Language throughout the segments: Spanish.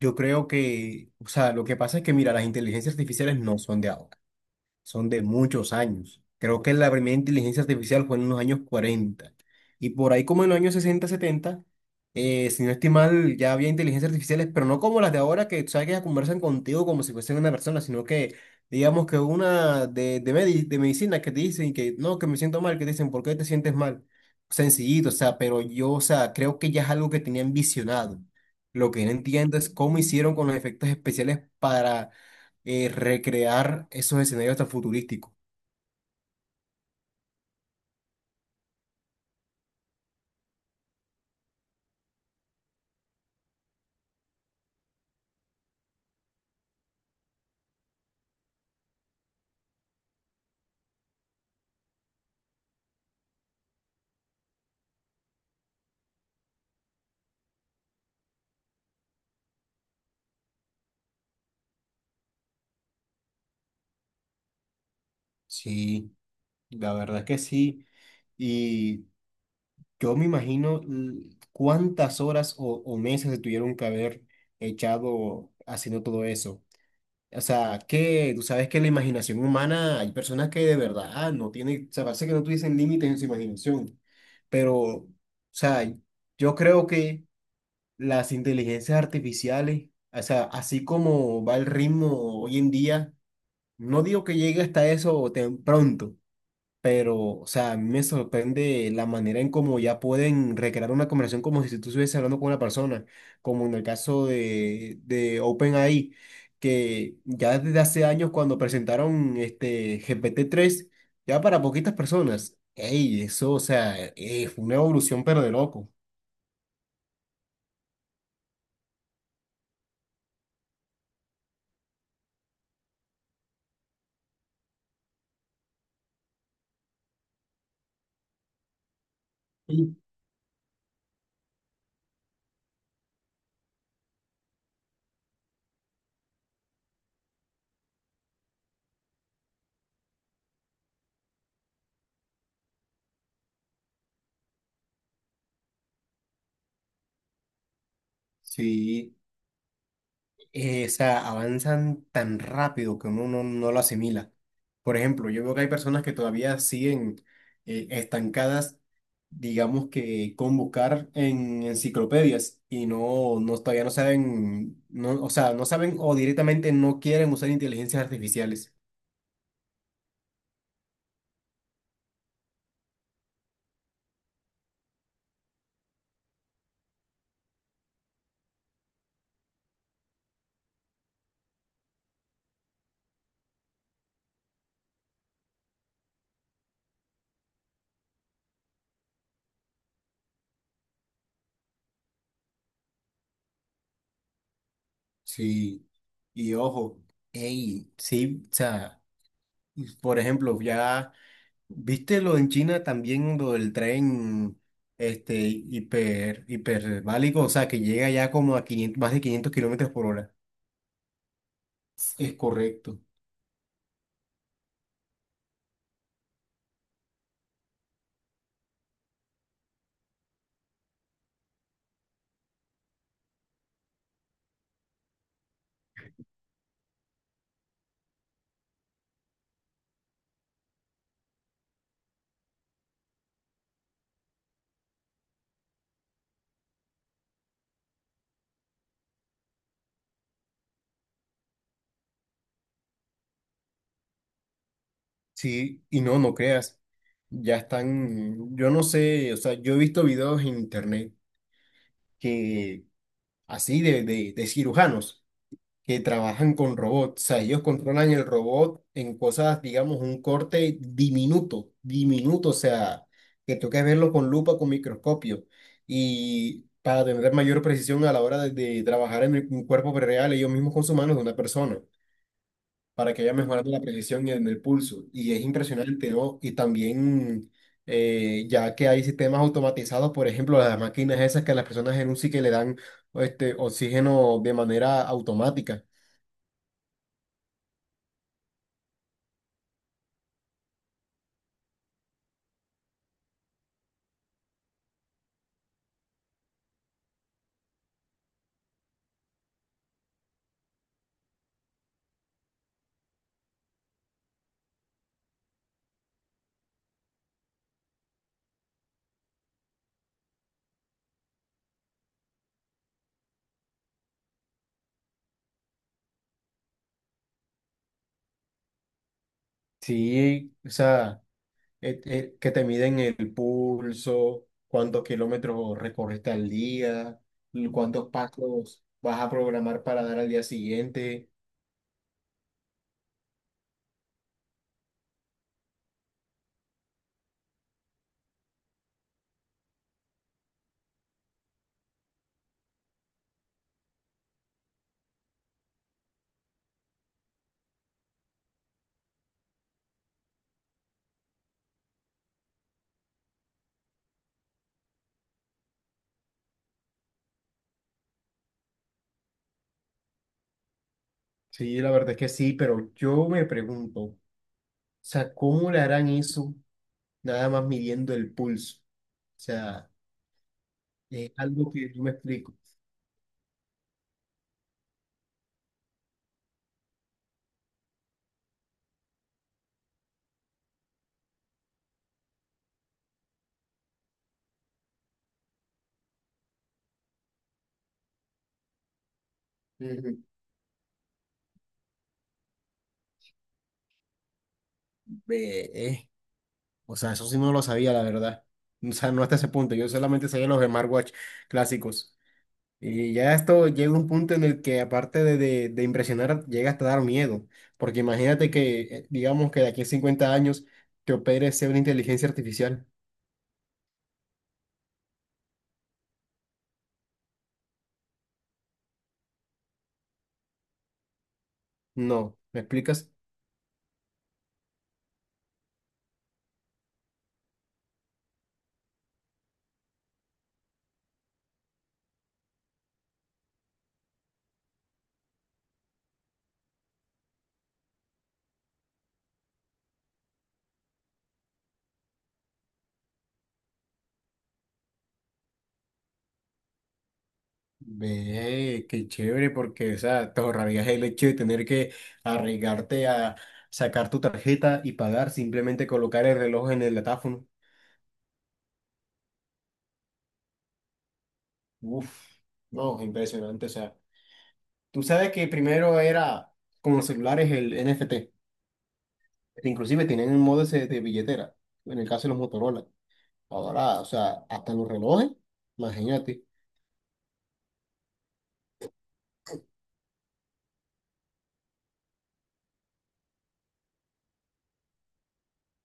Yo creo que, o sea, lo que pasa es que, mira, las inteligencias artificiales no son de ahora, son de muchos años. Creo que la primera inteligencia artificial fue en los años 40, y por ahí como en los años 60 70, si no estoy mal, ya había inteligencias artificiales, pero no como las de ahora que, tú sabes, que ya conversan contigo como si fuesen una persona, sino que digamos que una de medicina que te dicen que no, que me siento mal, que te dicen, ¿por qué te sientes mal? Sencillito, o sea, pero yo, o sea, creo que ya es algo que tenían visionado. Lo que no entiendo es cómo hicieron con los efectos especiales para recrear esos escenarios tan futurísticos. Sí, la verdad es que sí. Y yo me imagino cuántas horas o meses se tuvieron que haber echado haciendo todo eso. O sea, que tú sabes que la imaginación humana, hay personas que de verdad no tienen, o sea, parece que no tuviesen límites en su imaginación. Pero, o sea, yo creo que las inteligencias artificiales, o sea, así como va el ritmo hoy en día, no digo que llegue hasta eso tan pronto, pero, o sea, a mí me sorprende la manera en cómo ya pueden recrear una conversación como si tú estuvieses hablando con una persona, como en el caso de OpenAI, que ya desde hace años cuando presentaron este GPT-3 ya para poquitas personas. Ey, eso, o sea, fue una evolución pero de loco. Mm. Sí, o sea, avanzan tan rápido que uno no, no lo asimila. Por ejemplo, yo veo que hay personas que todavía siguen estancadas, digamos que con buscar en enciclopedias y no, no todavía no saben, no, o sea, no saben o directamente no quieren usar inteligencias artificiales. Sí. Y ojo, ey, sí, o sea, por ejemplo, ya. ¿Viste lo en China también, lo del tren este, hiperbálico? O sea, que llega ya como a 500 más de 500 kilómetros por hora. Es correcto. Sí, y no, no creas. Ya están, yo no sé, o sea, yo he visto videos en internet que así de cirujanos que trabajan con robots. O sea, ellos controlan el robot en cosas, digamos, un corte diminuto, diminuto, o sea, que toca verlo con lupa, con microscopio. Y para tener mayor precisión a la hora de trabajar en un cuerpo real, ellos mismos con sus manos de una persona, para que haya mejorado la precisión y en el pulso. Y es impresionante, ¿no? Y también, ya que hay sistemas automatizados, por ejemplo, las máquinas esas que a las personas en un que le dan este, oxígeno de manera automática. Sí, o sea, que te miden el pulso, cuántos kilómetros recorriste al día, y cuántos pasos vas a programar para dar al día siguiente. Sí, la verdad es que sí, pero yo me pregunto, o sea, ¿cómo le harán eso nada más midiendo el pulso? O sea, es algo que yo me explico. Ujú. Ve, o sea, eso sí no lo sabía, la verdad. O sea, no hasta ese punto, yo solamente sabía los smartwatch clásicos. Y ya esto llega a un punto en el que aparte de impresionar, llega hasta dar miedo, porque imagínate que, digamos que de aquí a 50 años te opere sea una inteligencia artificial. No, ¿me explicas? Ve, qué chévere, porque, o sea, te ahorrarías el hecho de tener que arriesgarte a sacar tu tarjeta y pagar, simplemente colocar el reloj en el datáfono. Uf, no, impresionante, o sea, tú sabes que primero era con los celulares el NFT. Inclusive tienen un modo ese de billetera, en el caso de los Motorola. Ahora, o sea, hasta los relojes, imagínate.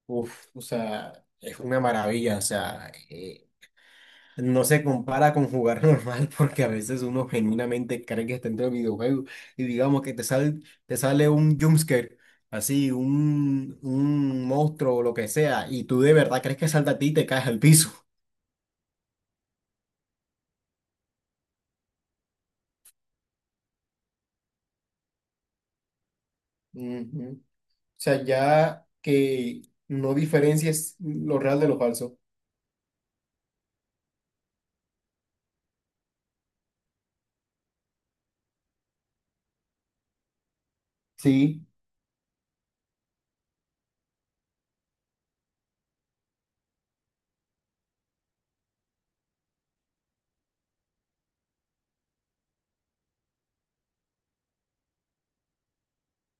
Uf, o sea, es una maravilla, o sea, no se compara con jugar normal porque a veces uno genuinamente cree que está dentro del videojuego, y digamos que te sale, un jumpscare, así, un monstruo o lo que sea, y tú de verdad crees que salta a ti y te caes al piso. Ujú. O sea, ya que no diferencias lo real de lo falso. Sí,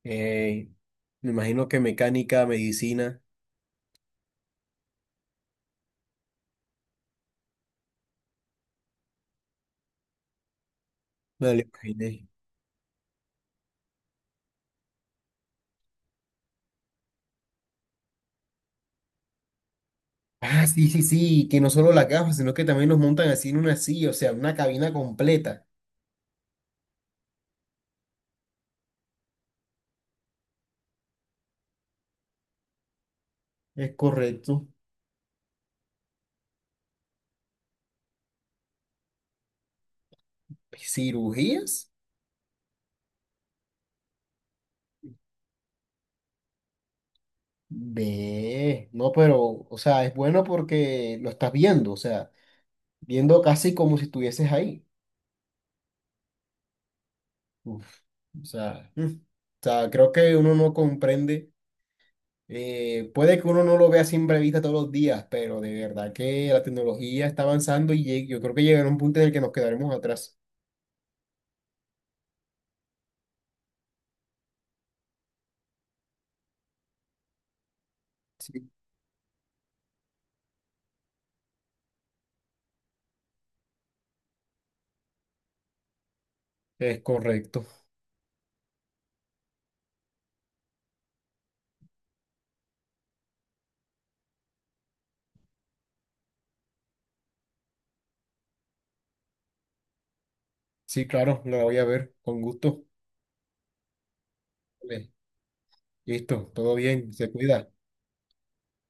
Eh, me imagino que mecánica, medicina, me lo imaginé. Ah, sí, sí, sí, que no solo las gafas, sino que también nos montan así en una silla, o sea, una cabina completa. Es correcto. ¿Cirugías? Ve, no, pero, o sea, es bueno porque lo estás viendo, o sea, viendo casi como si estuvieses ahí. Uf, o sea, o sea, creo que uno no comprende. Puede que uno no lo vea a simple vista todos los días, pero de verdad que la tecnología está avanzando y yo creo que llegará un punto en el que nos quedaremos atrás. Sí, es correcto. Sí, claro, la voy a ver con gusto. Vale, listo, todo bien, se cuida.